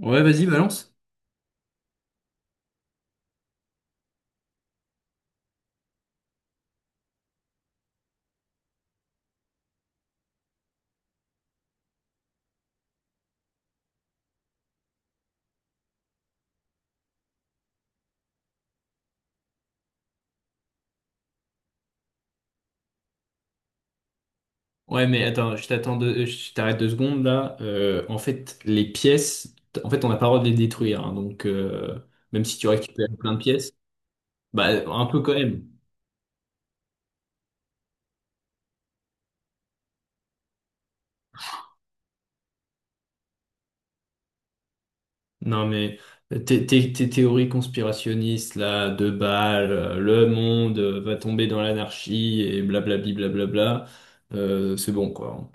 Ouais, vas-y, balance. Ouais, mais attends, je t'arrête 2 secondes là. En fait, les pièces, en fait, on n'a pas le droit de les détruire, hein. Donc, même si tu récupères plein de pièces, bah, un peu quand même. Non, mais tes théories conspirationnistes là, de balles, le monde va tomber dans l'anarchie et blablabli, blablabla, c'est bon quoi.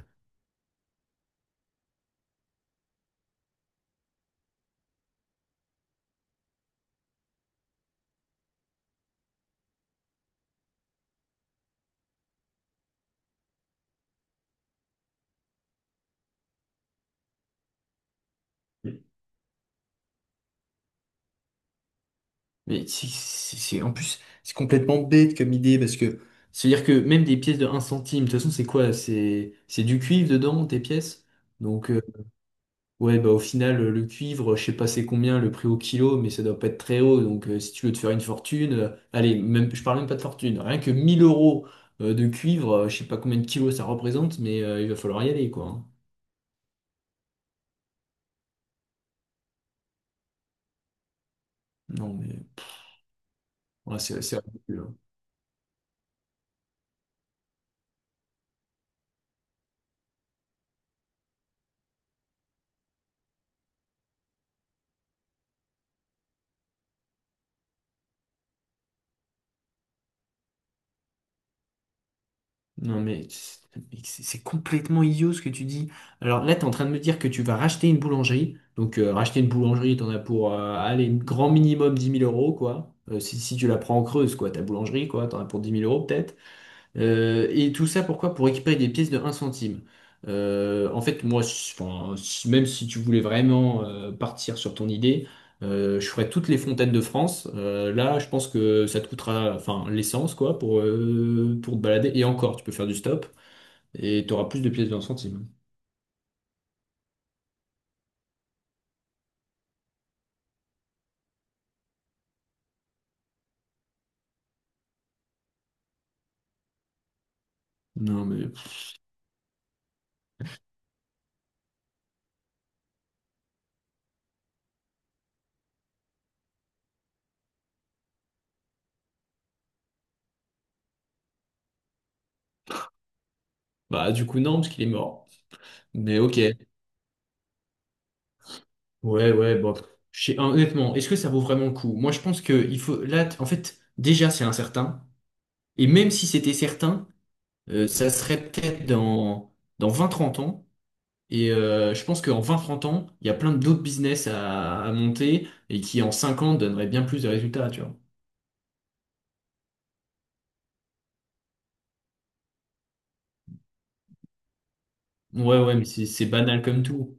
Mais en plus, c'est complètement bête comme idée parce que c'est-à-dire que même des pièces de un centime, de toute façon, c'est quoi? C'est du cuivre dedans, tes pièces? Donc, ouais, bah au final, le cuivre, je sais pas c'est combien le prix au kilo, mais ça doit pas être très haut. Donc, si tu veux te faire une fortune, allez, même, je parle même pas de fortune, rien que 1 000 euros de cuivre, je sais pas combien de kilos ça représente, mais il va falloir y aller, quoi, hein. Non, mais ouais, c'est ridicule, hein. Non, mais c'est complètement idiot ce que tu dis. Alors là, tu es en train de me dire que tu vas racheter une boulangerie. Donc, racheter une boulangerie, tu en as pour, allez, grand minimum 10 000 euros, quoi. Si tu la prends en creuse, quoi, ta boulangerie, quoi, tu en as pour 10 000 euros peut-être. Et tout ça pourquoi? Pour récupérer des pièces de un centime. En fait, moi, même si tu voulais vraiment partir sur ton idée, je ferais toutes les fontaines de France. Là, je pense que ça te coûtera, enfin, l'essence, quoi, pour te balader. Et encore, tu peux faire du stop et tu auras plus de pièces de un centime. Non, mais bah, du coup, non, parce qu'il est mort. Mais ok. Ouais, ouais, bon. Honnêtement, est-ce que ça vaut vraiment le coup? Moi, je pense que il faut. Là, en fait, déjà, c'est incertain. Et même si c'était certain, ça serait peut-être dans 20-30 ans. Et je pense qu'en 20-30 ans, il y a plein d'autres business à monter et qui en 5 ans donneraient bien plus de résultats, tu vois. Ouais, ouais, mais c'est banal comme tout.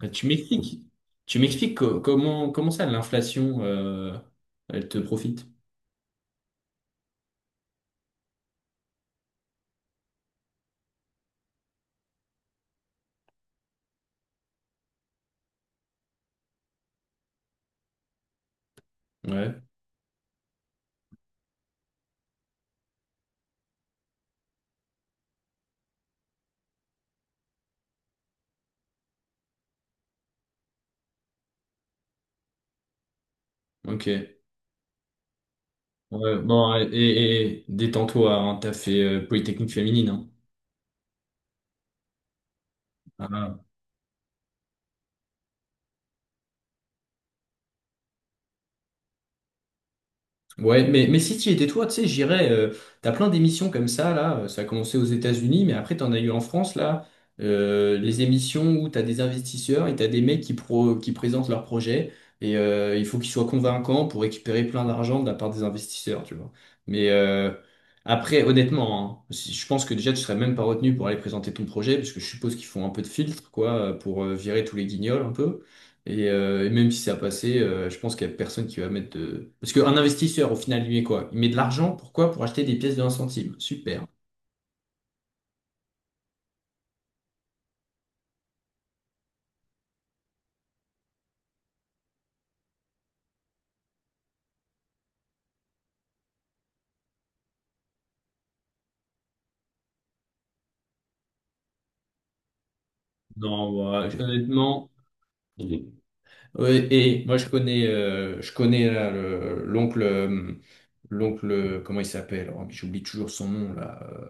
Bah, tu m'expliques. Tu m'expliques comment ça, l'inflation, elle te profite. Ouais, ok. Ouais, bon, et détends-toi, hein, t'as fait Polytechnique féminine, hein. Ah, ouais, mais si tu étais toi, tu sais, j'irais. T'as plein d'émissions comme ça, là. Ça a commencé aux États-Unis, mais après, t'en as eu en France, là. Les émissions où t'as des investisseurs et t'as des mecs qui présentent leurs projets. Et il faut qu'ils soient convaincants pour récupérer plein d'argent de la part des investisseurs, tu vois. Mais après, honnêtement, hein, je pense que déjà, tu serais même pas retenu pour aller présenter ton projet, parce que je suppose qu'ils font un peu de filtre, quoi, pour virer tous les guignols, un peu. Et même si ça a passé, je pense qu'il n'y a personne qui va mettre de... Parce qu'un investisseur, au final, lui, est quoi? Il met de l'argent, pourquoi? Pour acheter des pièces de un centime. Super. Non, moi, honnêtement... Ouais, et moi, je connais là, l'oncle. L'oncle, comment il s'appelle? Oh, mais j'oublie toujours son nom là.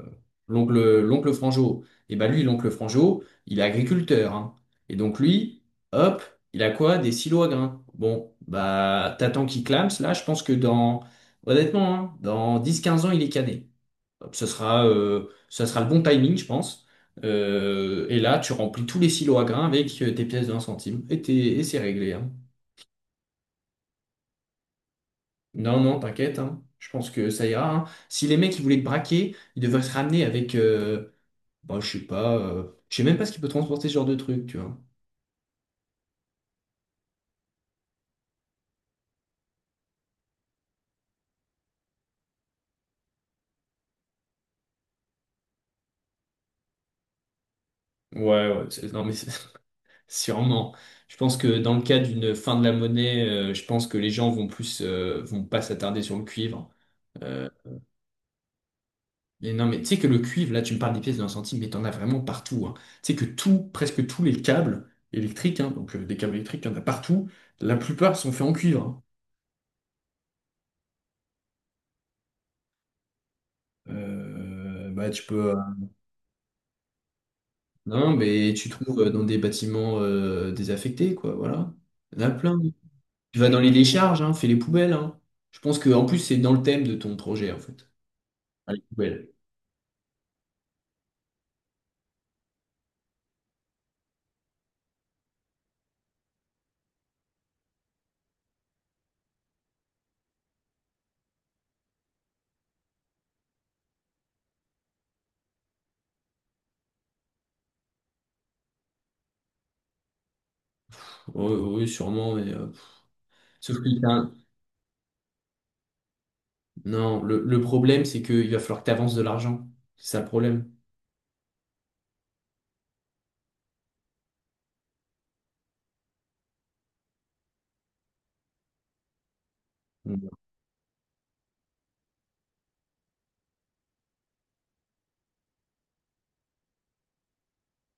L'oncle Franjo. Et ben lui, l'oncle Franjo, il est agriculteur, hein. Et donc lui, hop, il a quoi? Des silos à grains. Bon, bah t'attends qu'il clame, là, je pense que dans, honnêtement, hein, dans 10-15 ans, il est cané. Hop, ce sera le bon timing, je pense. Et là, tu remplis tous les silos à grains avec tes pièces de un centime et, et c'est réglé, hein. Non, non, t'inquiète, hein. Je pense que ça ira, hein. Si les mecs ils voulaient te braquer, ils devraient se ramener avec, bah, je sais pas, je sais même pas ce qu'ils peut transporter ce genre de truc, tu vois. Ouais, ouais, non mais sûrement. Je pense que dans le cas d'une fin de la monnaie, je pense que les gens vont plus, vont pas s'attarder sur le cuivre. Euh, mais non, mais tu sais que le cuivre, là, tu me parles des pièces d'un centime, mais t'en as vraiment partout, hein. Tu sais que tout, presque tous les câbles électriques, hein, donc des câbles électriques, il y en a partout. La plupart sont faits en cuivre, hein. Bah, tu peux. Non, mais tu trouves dans des bâtiments désaffectés, quoi, voilà. Il y en a plein. Tu vas dans les décharges, hein, fais les poubelles, hein. Je pense que en plus c'est dans le thème de ton projet, en fait. Ah, les poubelles. Oui, oui, sûrement, mais sauf que non, le problème, c'est qu'il va falloir que tu avances de l'argent. C'est ça le problème.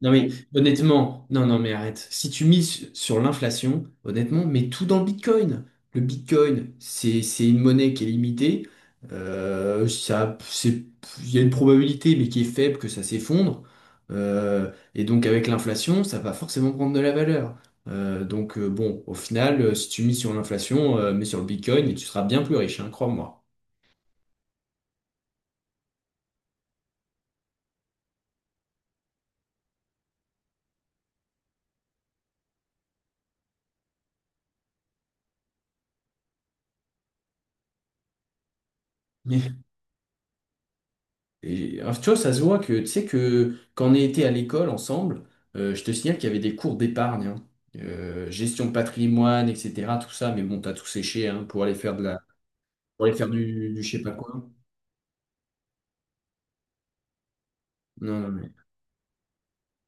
Non mais honnêtement, non non mais arrête. Si tu mises sur l'inflation, honnêtement, mets tout dans le Bitcoin. Le Bitcoin, c'est une monnaie qui est limitée. Ça, c'est, il y a une probabilité, mais qui est faible que ça s'effondre. Et donc avec l'inflation, ça va forcément prendre de la valeur. Donc, bon, au final, si tu mises sur l'inflation, mets sur le Bitcoin et tu seras bien plus riche, hein, crois-moi. Et, alors, tu vois, ça se voit que, tu sais, que quand on était à l'école ensemble, je te signale qu'il y avait des cours d'épargne, hein. Gestion de patrimoine, etc., tout ça, mais bon, t'as tout séché, hein, pour aller faire du je sais pas quoi. Non, non,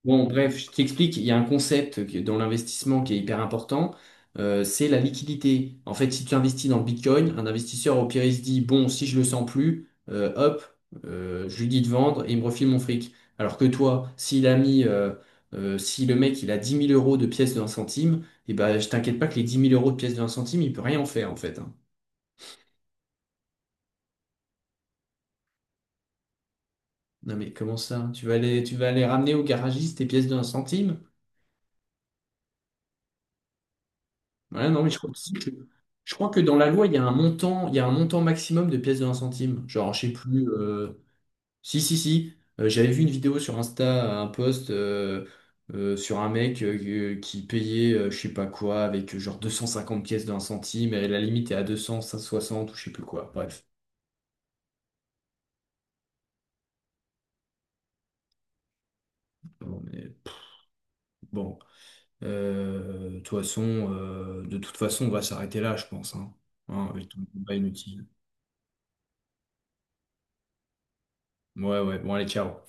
Bon, bref, je t'explique, il y a un concept dans l'investissement qui est hyper important, c'est la liquidité. En fait, si tu investis dans le Bitcoin, un investisseur au pire, il se dit, bon, si je le sens plus, hop, je lui dis de vendre et il me refile mon fric. Alors que toi, s'il a mis, si le mec, il a 10 000 euros de pièces de un centime, et ben, je t'inquiète pas que les 10 000 euros de pièces de un centime, il peut rien en faire, en fait, hein. Non mais comment ça? Tu vas aller ramener au garagiste tes pièces de un centime? Ouais, non, mais je crois aussi que, je crois que dans la loi, il y a un montant, il y a un montant maximum de pièces de un centime. Genre, je sais plus. Si, si, si. J'avais vu une vidéo sur Insta, un post sur un mec qui payait, je sais pas quoi, avec genre 250 pièces de un centime, et la limite est à 200, 160 ou je sais plus quoi. Bref. Bon, mais, pff, bon. Euh, de toute façon, de toute façon, on va s'arrêter là, je pense. Hein, hein, avec tout le débat inutile. Ouais, ouais. Bon, allez, ciao.